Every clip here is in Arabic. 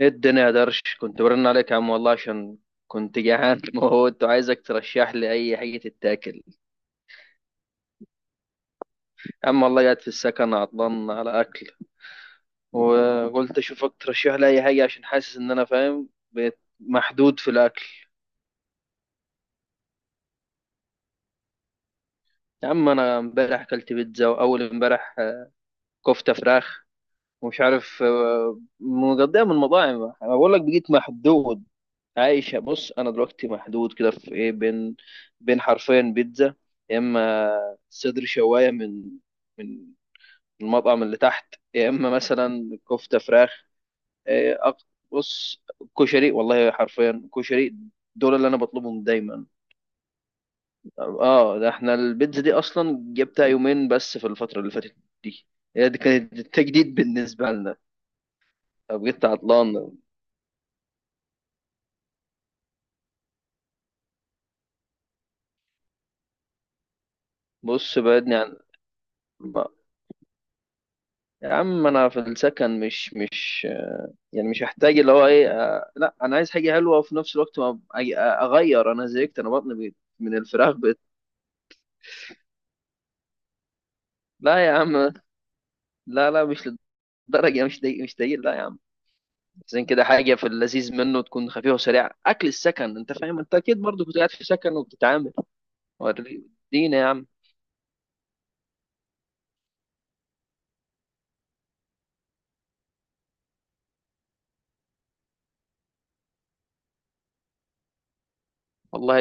ايه الدنيا يا درش كنت برن عليك يا عم والله عشان كنت جعان موت وعايزك ترشح لي اي حاجه تتاكل. يا عم والله قاعد في السكن عطلان على اكل، وقلت اشوفك ترشح لي اي حاجه عشان حاسس ان انا فاهم بقيت محدود في الاكل. يا عم انا امبارح اكلت بيتزا، واول امبارح كفته فراخ، ومش عارف مقضيها من مطاعم، انا بقول لك بقيت محدود. عايشه بص انا دلوقتي محدود كده في ايه، بين حرفين بيتزا يا اما صدر شوايه من من المطعم اللي تحت، يا اما مثلا كفته فراخ. إيه، أق- بص، كشري، والله حرفيا كشري، دول اللي انا بطلبهم دايما. اه، ده احنا البيتزا دي اصلا جبتها يومين بس في الفتره اللي فاتت دي، هي دي كانت التجديد بالنسبه لنا، فبقيت عطلان. بص بعدني عن ما- يا عم انا في السكن مش يعني مش محتاج اللي هو ايه، لا انا عايز حاجه حلوه وفي نفس الوقت ما اغير، انا زهقت، انا بطني بيت من الفراخ بيت. لا يا عم، لا لا، مش للدرجه، مش دي مش دي، لا يا عم. زين كده حاجه في اللذيذ منه، تكون خفيفه وسريعه، اكل السكن، انت فاهم، انت اكيد برضه كنت قاعد في سكن وبتتعامل. وري- ادينا يا عم. والله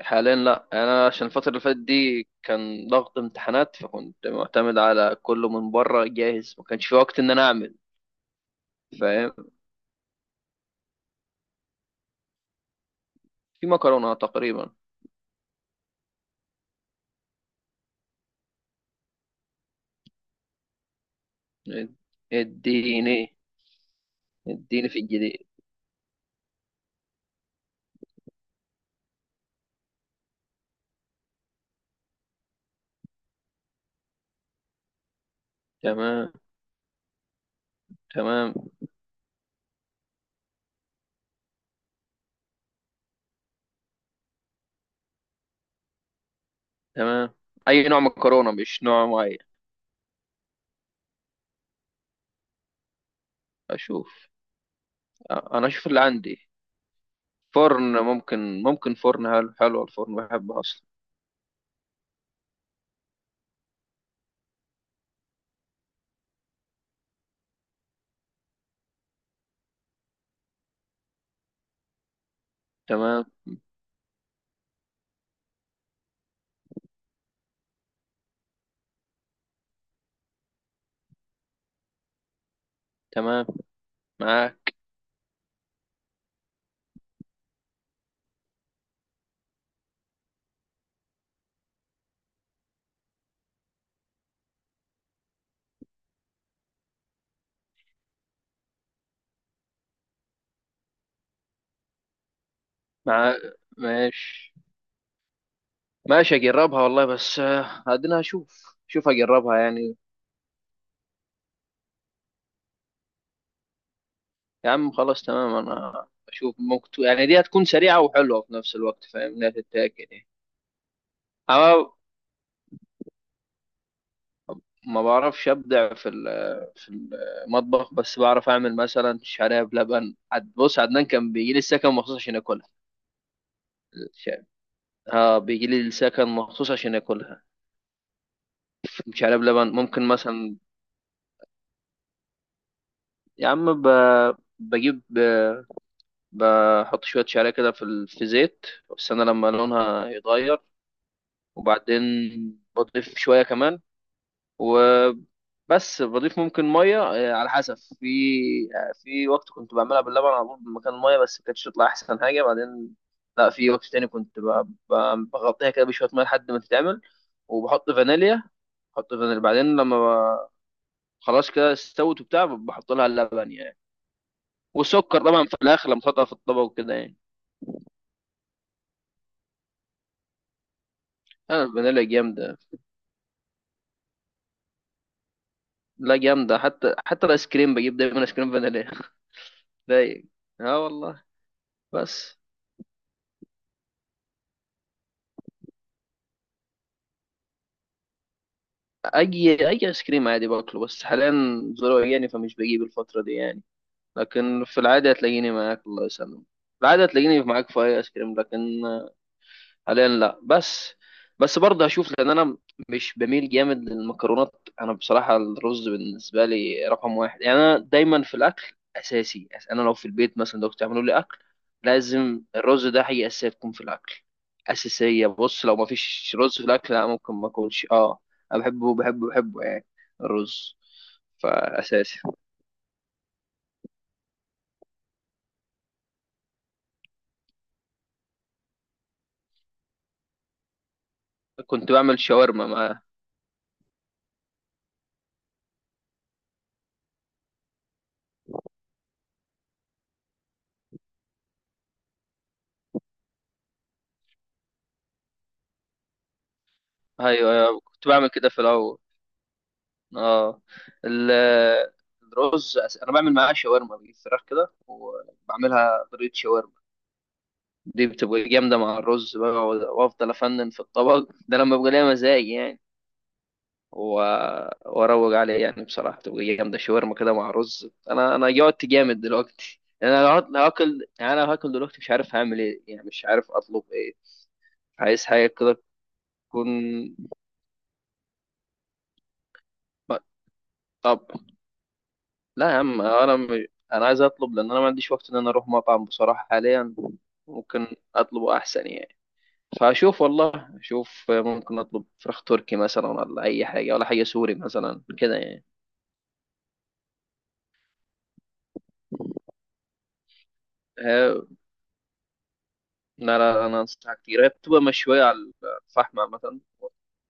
حاليا لا، انا عشان الفتره اللي فاتت دي كان ضغط امتحانات، فكنت معتمد على كله من بره جاهز، ما كانش في وقت ان انا اعمل. فاهم، في مكرونه تقريبا. اديني، اديني في الجديد. تمام، تمام، تمام. اي نوع مكرونه؟ مش نوع معين؟ اشوف، انا اشوف اللي عندي. فرن، ممكن ممكن فرن، حلو حلو، الفرن بحبه اصلا. تمام، تمام. معاك، معاك. ماشي، ماشي، اجربها والله، بس ادنى اشوف، شوف اجربها يعني. يا عم خلاص تمام، انا اشوف، ممكن يعني دي هتكون سريعة وحلوة في نفس الوقت، فاهم انها تتاكل يعني. انا ما بعرفش ابدع في في المطبخ، بس بعرف اعمل مثلا شعريه بلبن. بص، عدنان كان بيجي لي السكن مخصوص عشان ياكلها. الش- اه بيجي لي السكن مخصوص عشان ياكلها، شعريه بلبن، ممكن مثلا. يا عم ب... بجيب، بحط شوية شعرية كده في في زيت، واستنى لما لونها يتغير، وبعدين بضيف شوية كمان، وبس بضيف ممكن مية، على حسب. في في وقت كنت بعملها باللبن على طول مكان المية، بس ما كانتش تطلع أحسن حاجة. بعدين لا، في وقت تاني كنت بغطيها كده بشوية مية لحد ما تتعمل، وبحط فانيليا. بحط فانيليا، بعدين لما خلاص كده استوت وبتاع، بحط لها اللبن يعني. والسكر طبعا في الآخر لما تحطها في الطبق وكده يعني. أنا الفانيليا جامدة، لا جامدة، حتى حتى الآيس كريم بجيب دايما آيس كريم فانيليا. رايق. اه والله. بس أي أي آيس كريم عادي باكله، بس حاليا ظروف يعني، فمش بجيب الفترة دي يعني. لكن في العادة هتلاقيني معاك، الله يسلمك، في العادة هتلاقيني معاك في أي آيس كريم، لكن حاليا لا. بس، بس برضه هشوف، لان انا مش بميل جامد للمكرونات، انا بصراحه الرز بالنسبه لي رقم واحد يعني. انا دايما في الاكل اساسي، انا لو في البيت مثلا، لو بتعملوا لي اكل لازم الرز ده حاجه اساسيه تكون في الاكل، اساسيه. بص لو ما فيش رز في الاكل لا، ممكن ما اكلش. اه انا بحبه بحبه بحبه يعني، الرز. فاساسي، كنت بعمل شاورما مع، ايوه أيوة، كنت بعمل كده في الاول. اه، ال- الرز، انا بعمل معاه شاورما، بجيب فراخ كده وبعملها طريقه شاورما، دي بتبقى جامده مع الرز بقى، وافضل افنن في الطبق، ده لما بيبقى ليا مزاج يعني. و... واروج عليه يعني، بصراحه تبقى جامده شاورما كده مع رز. انا انا جوعت جامد دلوقتي يعني، انا لو لو هاكل يعني، انا لو هاكل دلوقتي مش عارف هعمل ايه يعني، مش عارف اطلب ايه. عايز حاجه كده تكون. طب، لا يا عم، انا عايز اطلب، لان انا ما عنديش وقت ان انا اروح مطعم بصراحه حاليا، ممكن اطلبه احسن يعني. فاشوف، والله اشوف، ممكن اطلب فراخ تركي مثلا ولا اي حاجه، ولا حاجه سوري مثلا كده يعني. ها- لا لا، انا انصحك كتير، هي بتبقى مشويه على الفحم مثلا،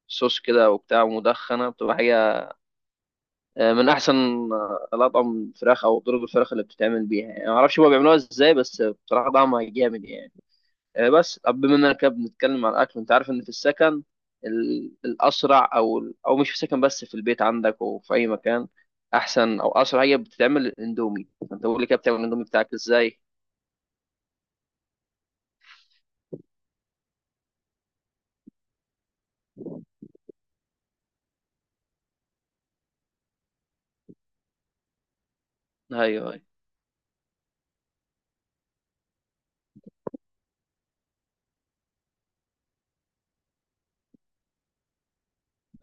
صوص كده وبتاع مدخنه، بتبقى حاجه من احسن الاطعم الفراخ، او طرق الفراخ اللي بتتعمل بيها يعني. ما اعرفش هما بيعملوها ازاي، بس بصراحه طعمها جامد يعني. بس طب بما اننا كده بنتكلم عن الاكل، انت عارف ان في السكن الاسرع، او مش في السكن بس، في البيت عندك وفي اي مكان احسن او اسرع، هي بتتعمل الاندومي. انت قول لي كده، بتعمل الاندومي بتاعك ازاي؟ ايوه،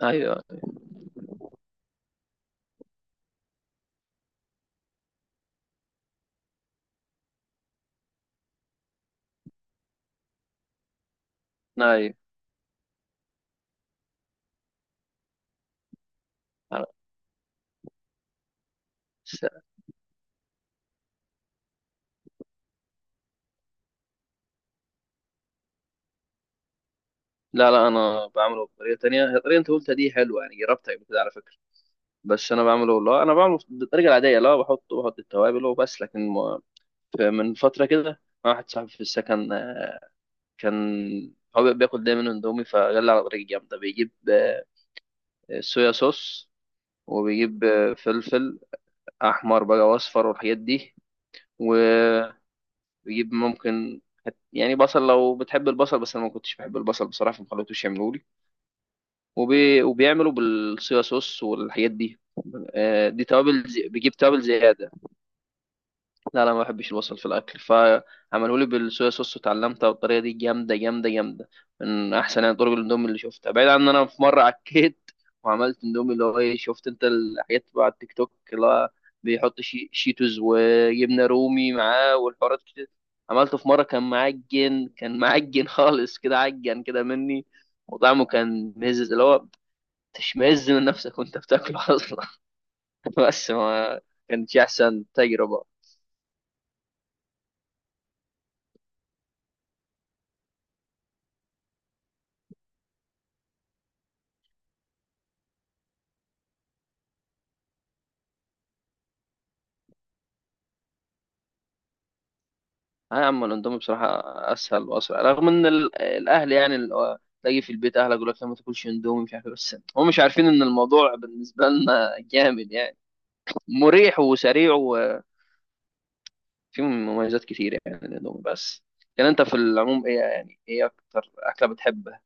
ايوه، ايوه. أنا- س- لا لا، انا بعمله بطريقه تانية. هي الطريقه اللي انت قلتها دي حلوه، يعني جربتها قبل كده على فكره. بس انا بعمله والله، انا بعمله بالطريقه العاديه، لا بحط، بحط التوابل وبس، لكن من فتره كده واحد صاحبي في السكن، كان هو بياكل دايما اندومي فجلى على طريقة جامدة، بيجيب صويا صوص، وبيجيب فلفل أحمر بقى وأصفر والحاجات دي، وبيجيب ممكن يعني بصل، لو بتحب البصل، بس أنا ما كنتش بحب البصل بصراحة فما خليتوش يعملوا لي، وبيعملوا بالصويا صوص والحاجات دي. دي توابل زي، بيجيب توابل زيادة. لا لا، ما بحبش البصل في الاكل، فعملوا لي بالصويا صوص وتعلمتها، والطريقه دي جامده جامده جامده، من احسن يعني طرق الاندومي اللي شفتها. بعيد عن ان انا في مره عكيت وعملت اندومي اللي هو ايه، شفت انت الحاجات بقى على التيك توك، اللي هو بيحط شي شيتوز وجبنه رومي معاه والحوارات كتير. عملته في مره كان معجن، كان معجن خالص، كده عجن كده مني، وطعمه كان مزز، اللي هو تشمئز من نفسك وانت بتاكله اصلا. بس ما كانتش احسن تجربه. اه يا عم، الاندومي بصراحه اسهل واسرع، رغم ان الاهل يعني، تلاقي في البيت اهلك يقول لك لا ما تاكلش اندومي مش عارف بس هم مش عارفين ان الموضوع بالنسبه لنا جامد يعني، مريح وسريع، وفيه مميزات كتير يعني الاندومي. بس كان انت في العموم ايه يعني، ايه اكتر اكله بتحبها؟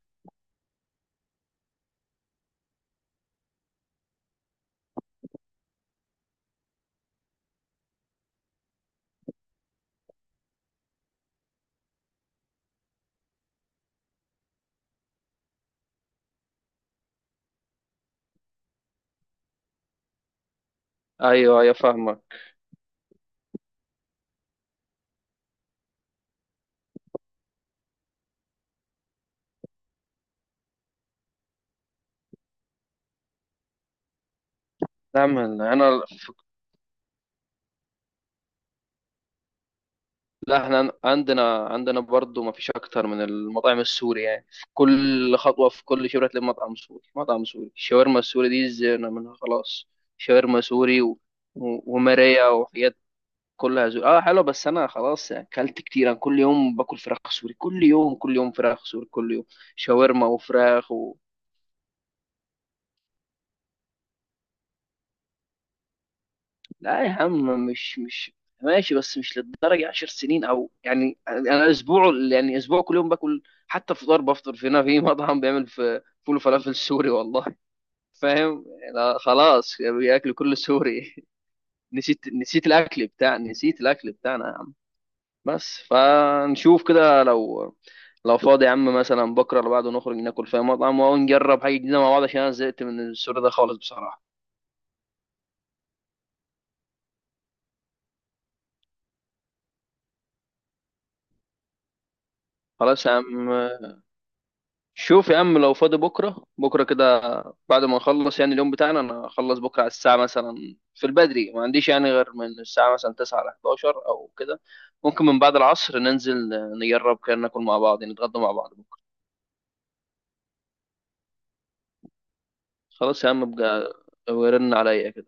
ايوه يا فاهمه. نعم، انا لا، احنا عندنا، برضو ما فيش اكتر من المطاعم السوري يعني، في كل خطوه في كل شبرة تلاقي مطعم سوري مطعم سوري، الشاورما السوري دي زهقنا منها خلاص. شاورما سوري و... و... وماريا وحاجات كلها زوري. اه حلو، بس انا خلاص يعني اكلت كتير، انا كل يوم باكل فراخ سوري، كل يوم كل يوم فراخ سوري كل يوم، شاورما وفراخ. لا يا عم، مش ماشي، بس مش للدرجة عشر سنين او يعني، انا اسبوع يعني، اسبوع كل يوم باكل، حتى فطار بفطر في هنا في مطعم بيعمل في فول وفلافل سوري والله. فاهم، لا خلاص، بياكل كل سوري. نسيت، نسيت الاكل بتاع، نسيت الاكل بتاعنا يا عم. بس فنشوف كده، لو فاضي يا عم مثلا بكره اللي بعده نخرج ناكل في مطعم ونجرب حاجه جديده مع بعض، عشان انا زهقت من السوري ده خالص بصراحه. خلاص يا عم. شوف يا عم، لو فاضي بكرة، بكرة كده بعد ما نخلص يعني اليوم بتاعنا، أنا أخلص بكرة على الساعة مثلا، في البدري ما عنديش يعني غير من الساعة مثلا 9 ل 11 أو كده. ممكن من بعد العصر ننزل، نجرب كده ناكل مع بعض يعني، نتغدى مع بعض بكرة. خلاص يا عم بقى، ورن عليا كده.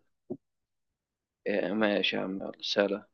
ماشي يا عم، يلا سلام.